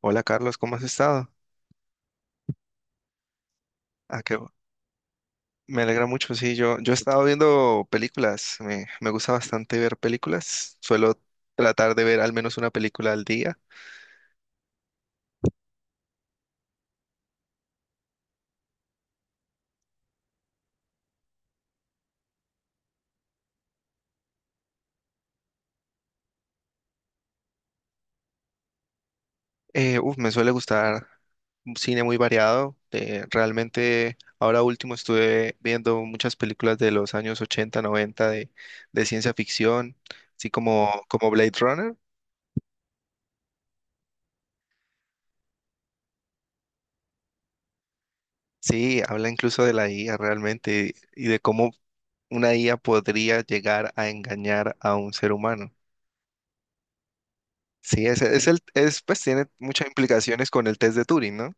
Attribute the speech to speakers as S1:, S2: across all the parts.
S1: Hola Carlos, ¿cómo has estado? Ah, qué bu- me alegra mucho, sí, yo he estado viendo películas, me gusta bastante ver películas, suelo tratar de ver al menos una película al día. Uf, me suele gustar un cine muy variado, realmente ahora último estuve viendo muchas películas de los años 80, 90 de ciencia ficción, así como Blade Runner, sí, habla incluso de la IA realmente y de cómo una IA podría llegar a engañar a un ser humano. Sí, pues tiene muchas implicaciones con el test de Turing, ¿no?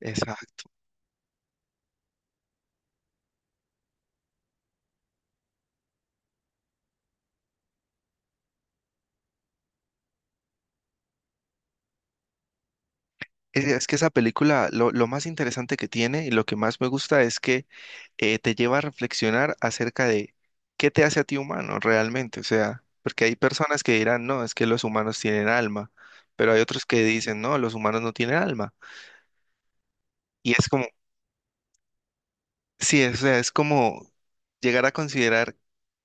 S1: Exacto. Es que esa película, lo más interesante que tiene y lo que más me gusta es que te lleva a reflexionar acerca de qué te hace a ti humano realmente. O sea, porque hay personas que dirán, no, es que los humanos tienen alma, pero hay otros que dicen, no, los humanos no tienen alma. Y es como Sí, o sea, es como llegar a considerar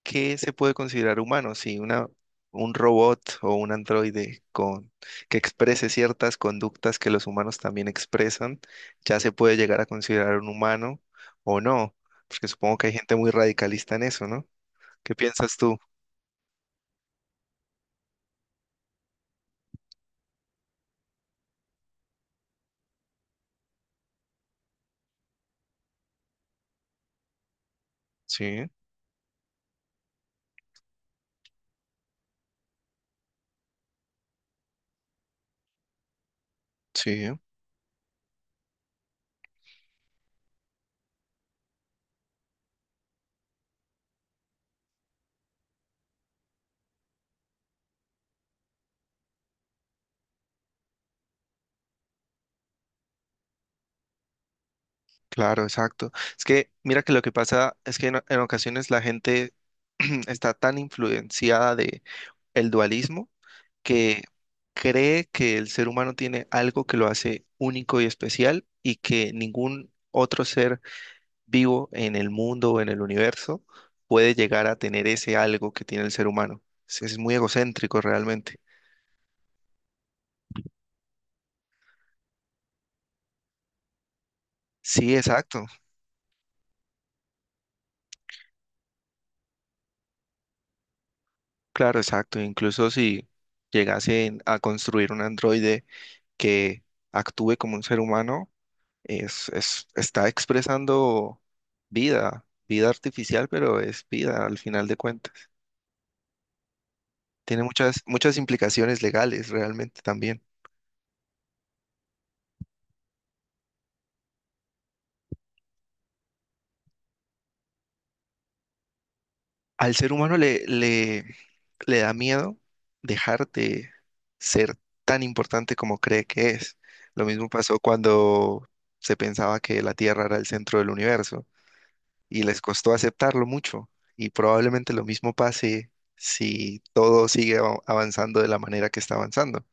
S1: qué se puede considerar humano, si un robot o un androide con, que exprese ciertas conductas que los humanos también expresan, ya se puede llegar a considerar un humano o no, porque supongo que hay gente muy radicalista en eso, ¿no? ¿Qué piensas tú? Sí, sí, claro, exacto. Es que mira que lo que pasa es que en ocasiones la gente está tan influenciada de el dualismo que cree que el ser humano tiene algo que lo hace único y especial y que ningún otro ser vivo en el mundo o en el universo puede llegar a tener ese algo que tiene el ser humano. Es muy egocéntrico realmente. Sí, exacto. Claro, exacto. Incluso si llegasen a construir un androide que actúe como un ser humano, está expresando vida, vida artificial, pero es vida al final de cuentas. Tiene muchas, muchas implicaciones legales realmente también. Al ser humano le da miedo dejar de ser tan importante como cree que es. Lo mismo pasó cuando se pensaba que la Tierra era el centro del universo y les costó aceptarlo mucho. Y probablemente lo mismo pase si todo sigue avanzando de la manera que está avanzando.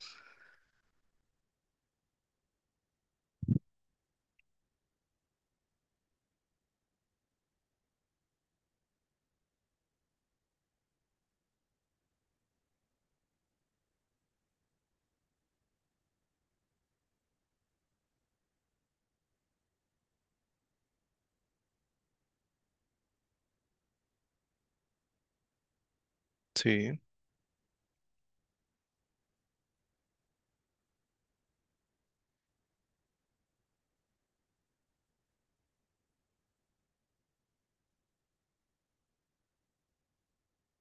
S1: Sí.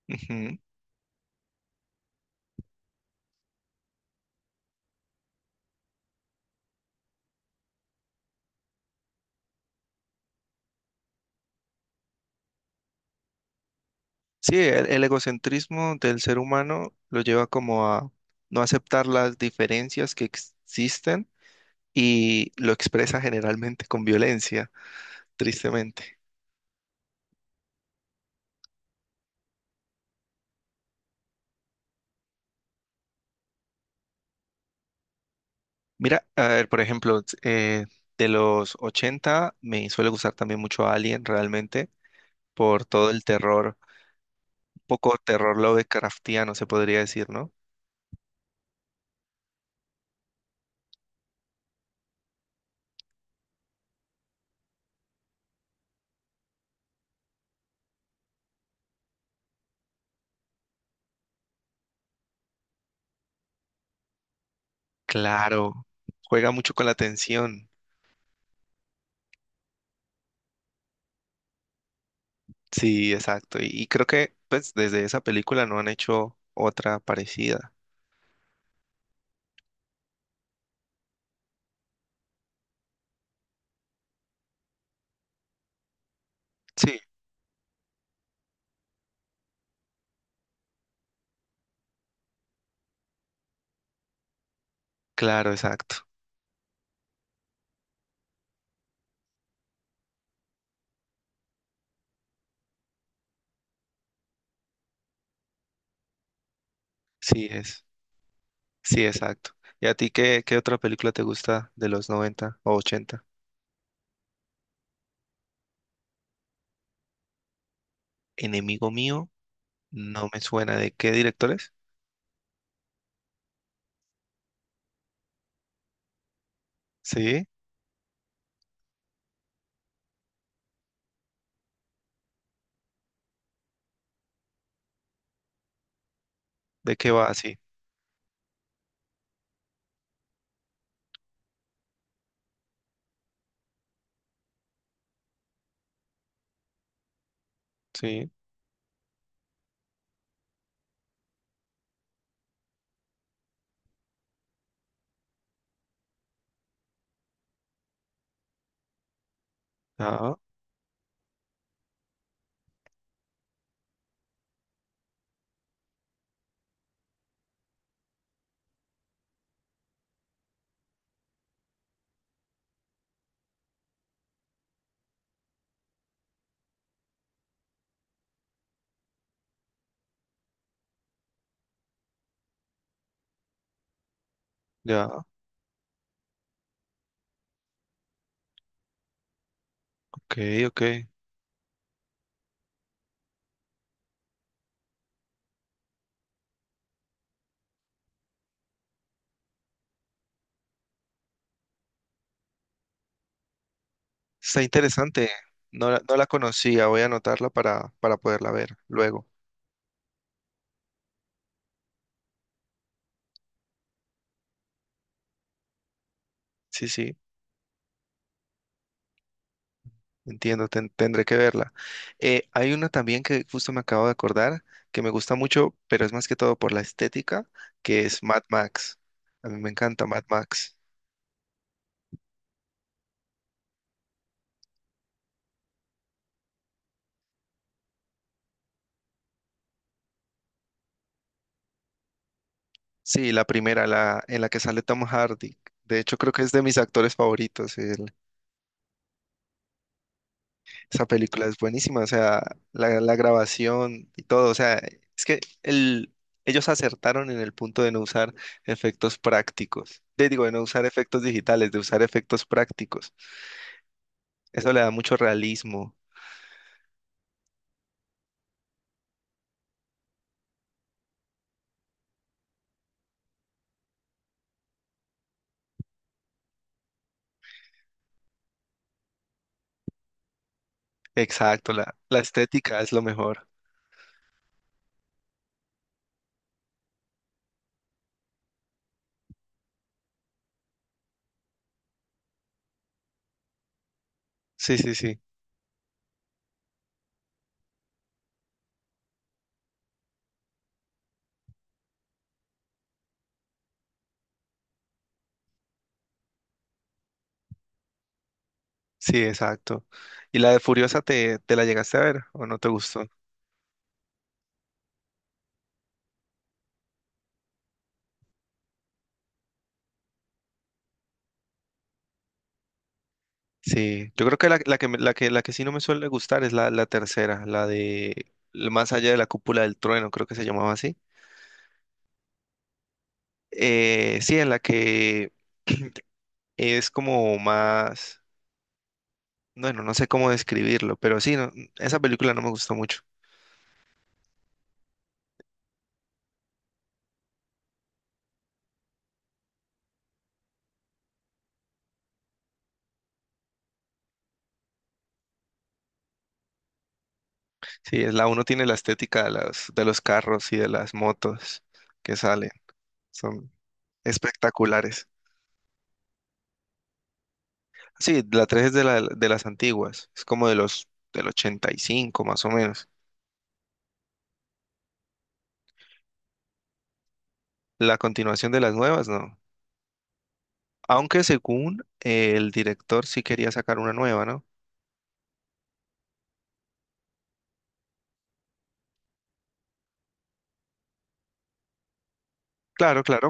S1: Ujú. Sí, el egocentrismo del ser humano lo lleva como a no aceptar las diferencias que existen y lo expresa generalmente con violencia, tristemente. Mira, a ver, por ejemplo, de los 80 me suele gustar también mucho Alien realmente por todo el terror, un poco terror Lovecraftiano se podría decir, ¿no? Claro, juega mucho con la tensión. Sí, exacto. Y creo que pues desde esa película no han hecho otra parecida. Sí, claro, exacto. Sí es. Sí, exacto. ¿Y a ti qué otra película te gusta de los 90 o ochenta? Enemigo mío, no me suena. ¿De qué directores? Sí, ¿de qué va? Sí, sí. Ah, ya, ok, ok. Está interesante. No, no la conocía, voy a anotarla para poderla ver luego. Sí, sí. Entiendo, tendré que verla. Hay una también que justo me acabo de acordar, que me gusta mucho, pero es más que todo por la estética, que es Mad Max. A mí me encanta Mad Max. Sí, la primera, la en la que sale Tom Hardy. De hecho, creo que es de mis actores favoritos. Esa película es buenísima, o sea, la grabación y todo. O sea, es que ellos acertaron en el punto de no usar efectos prácticos. De, digo, de no usar efectos digitales, de usar efectos prácticos. Eso le da mucho realismo. Exacto, la estética es lo mejor. Sí, sí, sí. Sí, exacto. ¿Y la de Furiosa te la llegaste a ver o no te gustó? Sí, yo creo que la que sí no me suele gustar es la tercera, la de el Más allá de la cúpula del trueno, creo que se llamaba así. Sí, en la que es como más, bueno, no sé cómo describirlo, pero sí, esa película no me gustó mucho. Sí, es la uno tiene la estética de de los carros y de las motos que salen. Son espectaculares. Sí, la 3 es de las antiguas, es como de los del 85 más o menos. La continuación de las nuevas, no. Aunque según el director sí quería sacar una nueva, ¿no? Claro, claro.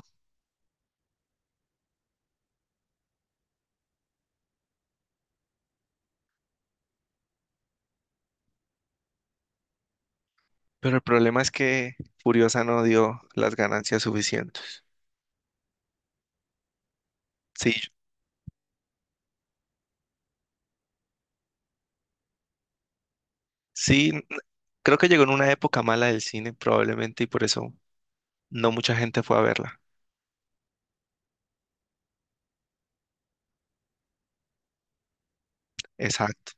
S1: Pero el problema es que Furiosa no dio las ganancias suficientes. Sí, sí, creo que llegó en una época mala del cine probablemente y por eso no mucha gente fue a verla. Exacto.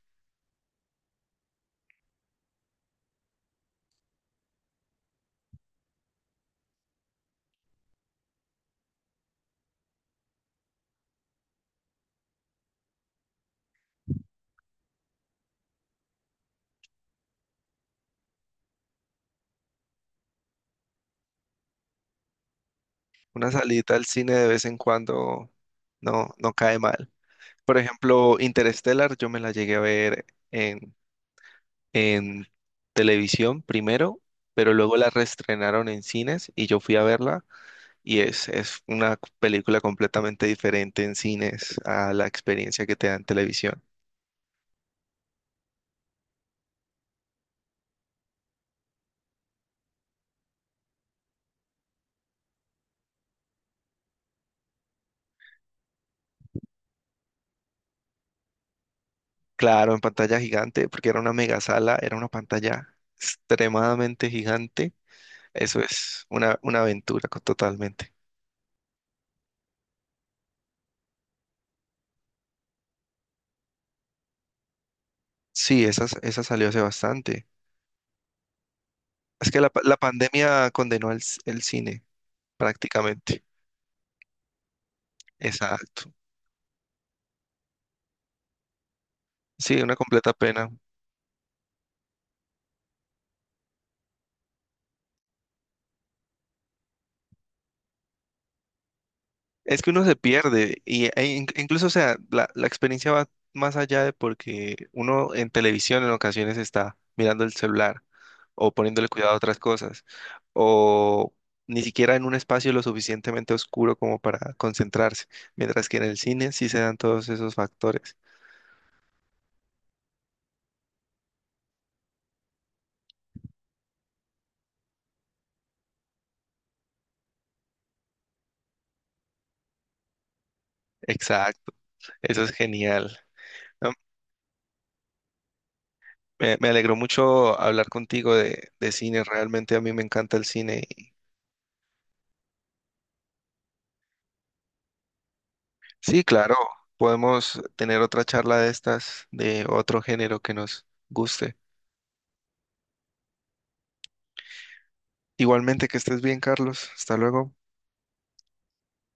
S1: Una salidita al cine de vez en cuando no cae mal. Por ejemplo, Interstellar, yo me la llegué a ver en, televisión primero, pero luego la reestrenaron en cines y yo fui a verla y es una película completamente diferente en cines a la experiencia que te da en televisión. Claro, en pantalla gigante, porque era una mega sala, era una pantalla extremadamente gigante. Eso es una aventura totalmente. Sí, esa salió hace bastante. Es que la pandemia condenó el cine prácticamente. Exacto. Sí, una completa pena. Es que uno se pierde y e incluso, o sea, la experiencia va más allá de porque uno en televisión en ocasiones está mirando el celular o poniéndole cuidado a otras cosas o ni siquiera en un espacio lo suficientemente oscuro como para concentrarse, mientras que en el cine sí se dan todos esos factores. Exacto. Eso es genial. No, me alegró mucho hablar contigo de cine. Realmente a mí me encanta el cine. Sí, claro, podemos tener otra charla de estas, de otro género que nos guste. Igualmente que estés bien, Carlos. Hasta luego.